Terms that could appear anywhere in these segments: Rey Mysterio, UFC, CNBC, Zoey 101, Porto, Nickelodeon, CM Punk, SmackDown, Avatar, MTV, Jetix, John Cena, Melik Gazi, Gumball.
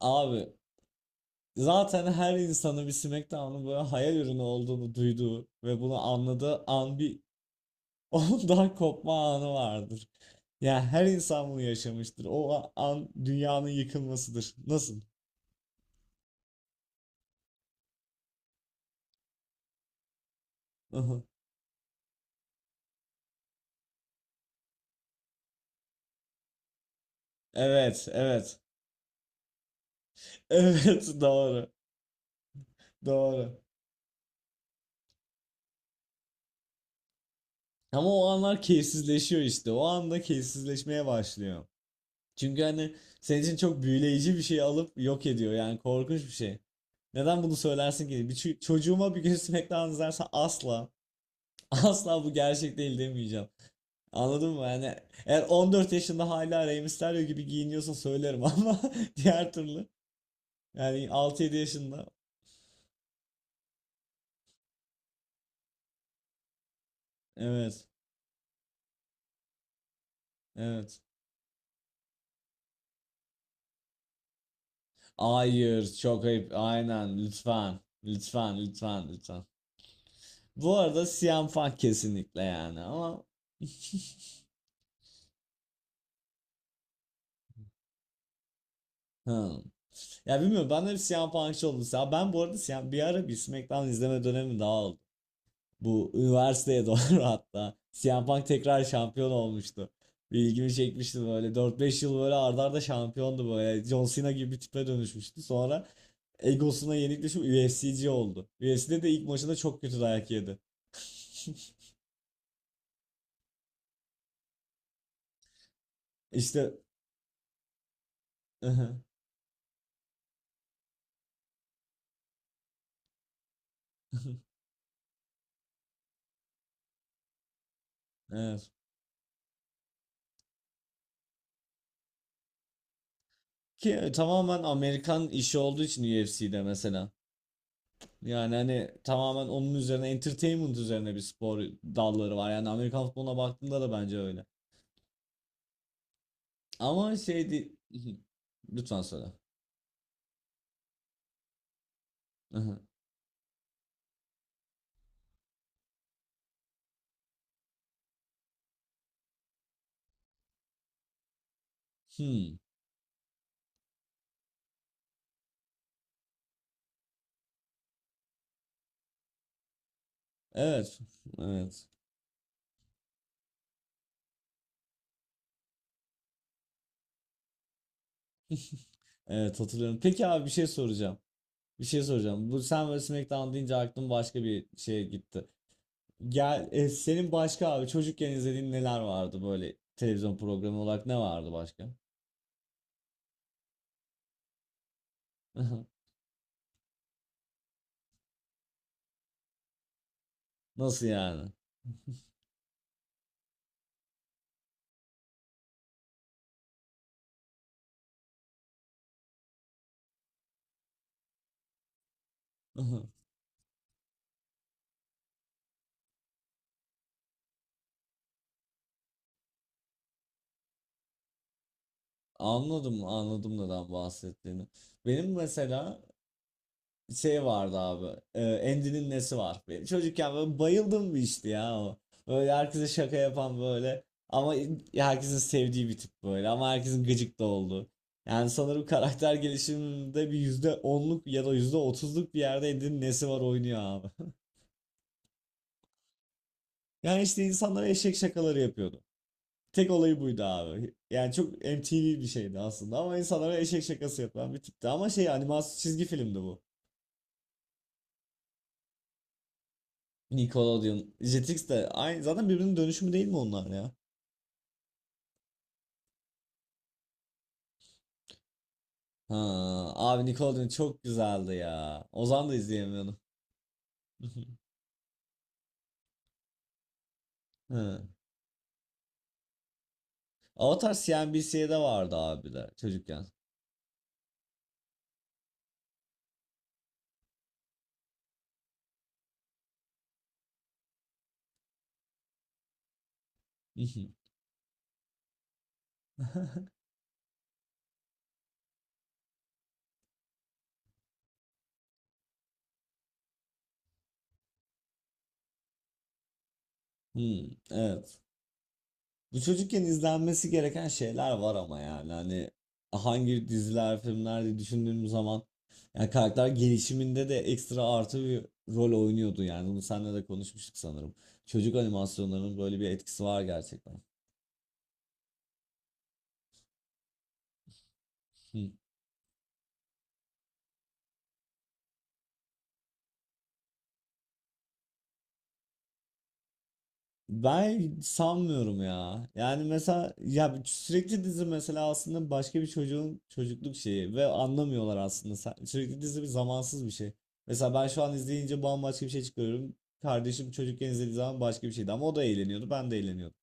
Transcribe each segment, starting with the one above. Abi zaten her insanın bir SmackDown'un böyle hayal ürünü olduğunu duyduğu ve bunu anladığı an bir ondan kopma anı vardır. Yani her insan bunu yaşamıştır. O an dünyanın yıkılmasıdır. Nasıl? Evet, evet. Evet, doğru. Doğru. Ama o anlar keyifsizleşiyor işte. O anda keyifsizleşmeye başlıyor. Çünkü hani senin için çok büyüleyici bir şey alıp yok ediyor. Yani korkunç bir şey. Neden bunu söylersin ki? Çocuğuma bir gün SmackDown izlersen asla asla bu gerçek değil demeyeceğim. Anladın mı? Yani eğer 14 yaşında hala Rey Mysterio gibi giyiniyorsa söylerim ama diğer türlü, yani 6 7 yaşında, evet evet. Hayır çok ayıp aynen, lütfen lütfen lütfen lütfen. Bu arada CM Punk kesinlikle, yani ama Hmm. Ya bilmiyorum, ben de bir CM Punk'çı oldum. Ya ben bu arada bir ara bir SmackDown izleme dönemi daha oldu. Bu üniversiteye doğru hatta. CM Punk tekrar şampiyon olmuştu. Bir ilgimi çekmişti böyle. 4 5 yıl böyle arda arda şampiyondu böyle. John Cena gibi bir tipe dönüşmüştü. Sonra egosuna yenik düşüp UFC'ci oldu. UFC'de de ilk maçında çok kötü dayak yedi. İşte evet. Ki tamamen Amerikan işi olduğu için UFC'de mesela. Yani hani tamamen onun üzerine, entertainment üzerine bir spor dalları var. Yani Amerikan futboluna baktığında da bence öyle. Ama şey değil. Lütfen söyle. Aha. Hmm. Evet. Evet. Evet hatırlıyorum. Peki abi bir şey soracağım. Bir şey soracağım. Bu sen böyle SmackDown deyince aklım başka bir şeye gitti. Senin başka abi çocukken izlediğin neler vardı, böyle televizyon programı olarak ne vardı başka? Aha. Nasıl yani? Aha. Anladım, anladım neden bahsettiğini. Benim mesela şey vardı abi. E, Andy'nin nesi var? Benim çocukken böyle bayıldım bir işte ya o. Böyle herkese şaka yapan böyle. Ama herkesin sevdiği bir tip böyle. Ama herkesin gıcık da olduğu. Yani sanırım karakter gelişiminde bir %10'luk ya da %30'luk bir yerde Andy'nin nesi var oynuyor abi. Yani işte insanlara eşek şakaları yapıyordu. Tek olayı buydu abi. Yani çok MTV bir şeydi aslında, ama insanlara eşek şakası yapan bir tipti. Ama şey, animasyon çizgi filmdi bu. Nickelodeon. Jetix de aynı zaten, birbirinin dönüşümü değil mi onlar ya? Ha, abi Nickelodeon çok güzeldi ya. Ozan da izleyemiyorum. Hı. Avatar CNBC'de vardı abi de, çocukken. Hı, evet. Bu çocukken izlenmesi gereken şeyler var ama yani hani hangi diziler, filmler diye düşündüğüm zaman, yani karakter gelişiminde de ekstra artı bir rol oynuyordu yani. Bunu seninle de konuşmuştuk sanırım. Çocuk animasyonlarının böyle bir etkisi var gerçekten. Hı. Ben sanmıyorum ya. Yani mesela ya, sürekli dizi mesela aslında başka bir çocuğun çocukluk şeyi ve anlamıyorlar aslında. Sürekli dizi bir zamansız bir şey. Mesela ben şu an izleyince bambaşka bir şey çıkıyorum. Kardeşim çocukken izlediği zaman başka bir şeydi, ama o da eğleniyordu, ben de eğleniyordum.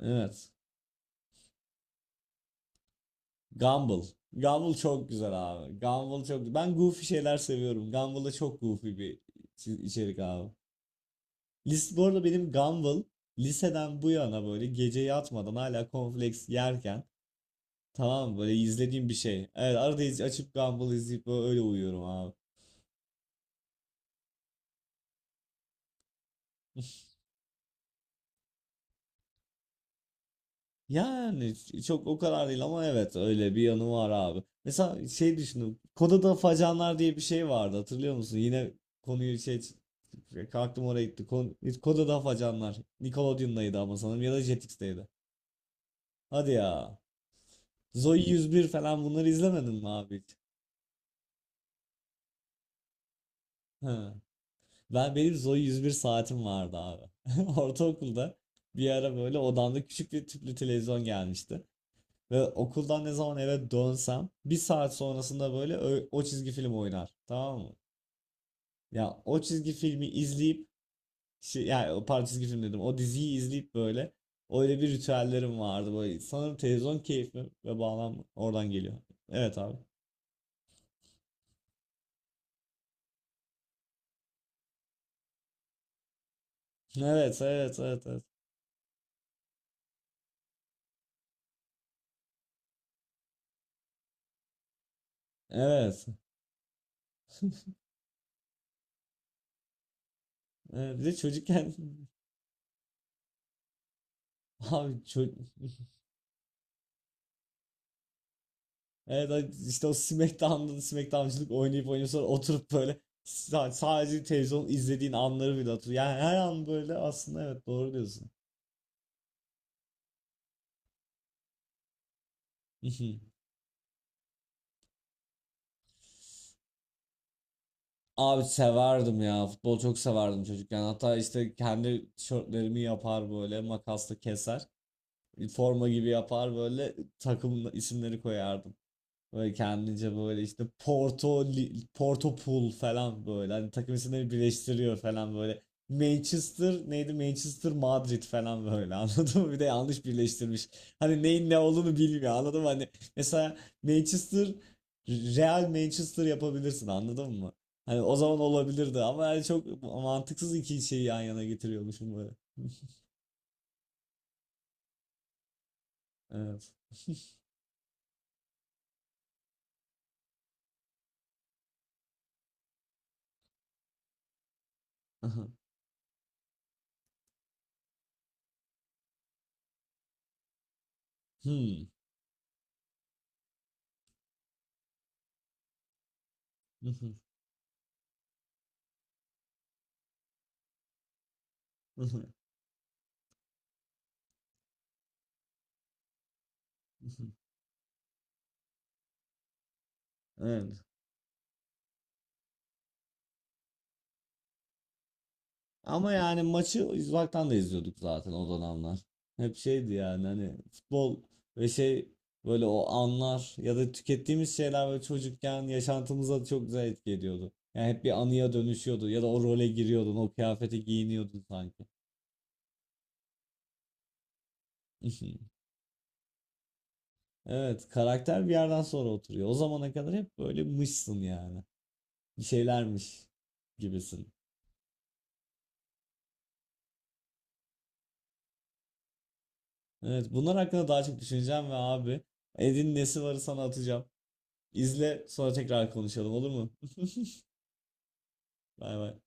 Evet. Gumball. Gumball çok güzel abi. Gumball çok, ben goofy şeyler seviyorum. Gumball da çok goofy bir içerik abi. List bu arada benim Gumball liseden bu yana böyle gece yatmadan hala cornflakes yerken, tamam böyle izlediğim bir şey. Evet arada açıp Gumball izleyip böyle, öyle uyuyorum abi. Yani çok o kadar değil ama evet öyle bir yanı var abi. Mesela şey düşündüm. Koda'da Facanlar diye bir şey vardı, hatırlıyor musun? Yine konuyu şey, kalktım oraya gitti. Koda'da Facanlar. Nickelodeon'daydı ama, sanırım, ya da Jetix'teydi. Hadi ya. Zoey 101 falan, bunları izlemedin mi abi hiç? Ben, benim Zoe 101 saatim vardı abi. Ortaokulda bir ara böyle odamda küçük bir tüplü televizyon gelmişti. Ve okuldan ne zaman eve dönsem bir saat sonrasında böyle çizgi film oynar. Tamam mı? Ya o çizgi filmi izleyip şey, yani o pardon çizgi film dedim, o diziyi izleyip böyle, öyle bir ritüellerim vardı böyle. Sanırım televizyon keyfi ve bağlam oradan geliyor. Evet abi. Evet, evet, evet, evet. Evet. Evet. Bir de çocukken abi çocuk, evet işte o SmackDown'da da SmackDown'cılık oynayıp oynayıp sonra oturup böyle sadece televizyon izlediğin anları bile hatırlıyor. Yani her an böyle aslında, evet doğru diyorsun. Abi severdim ya. Futbol çok severdim çocukken. Hatta işte kendi tişörtlerimi yapar böyle, makasla keser. Forma gibi yapar böyle, takım isimleri koyardım. Böyle kendince, böyle işte Porto, Porto Pool falan böyle. Hani takım isimleri birleştiriyor falan böyle. Manchester neydi? Manchester Madrid falan böyle anladın mı? Bir de yanlış birleştirmiş. Hani neyin ne olduğunu bilmiyor, anladın mı? Hani mesela Manchester, Real Manchester yapabilirsin anladın mı? Hani o zaman olabilirdi ama, yani çok mantıksız iki şeyi yan yana getiriyormuşum böyle. Evet. Hmm. Evet. Ama yani maçı uzaktan da izliyorduk zaten o dönemler. Hep şeydi yani, hani futbol ve şey, böyle o anlar ya da tükettiğimiz şeyler böyle çocukken yaşantımıza çok güzel etki ediyordu. Yani hep bir anıya dönüşüyordu ya da o role giriyordun, o kıyafete giyiniyordun sanki. Evet, karakter bir yerden sonra oturuyor. O zamana kadar hep böyle mışsın yani. Bir şeylermiş gibisin. Evet, bunlar hakkında daha çok düşüneceğim ve abi Edin nesi varı sana atacağım. İzle sonra tekrar konuşalım, olur mu? Bay bay.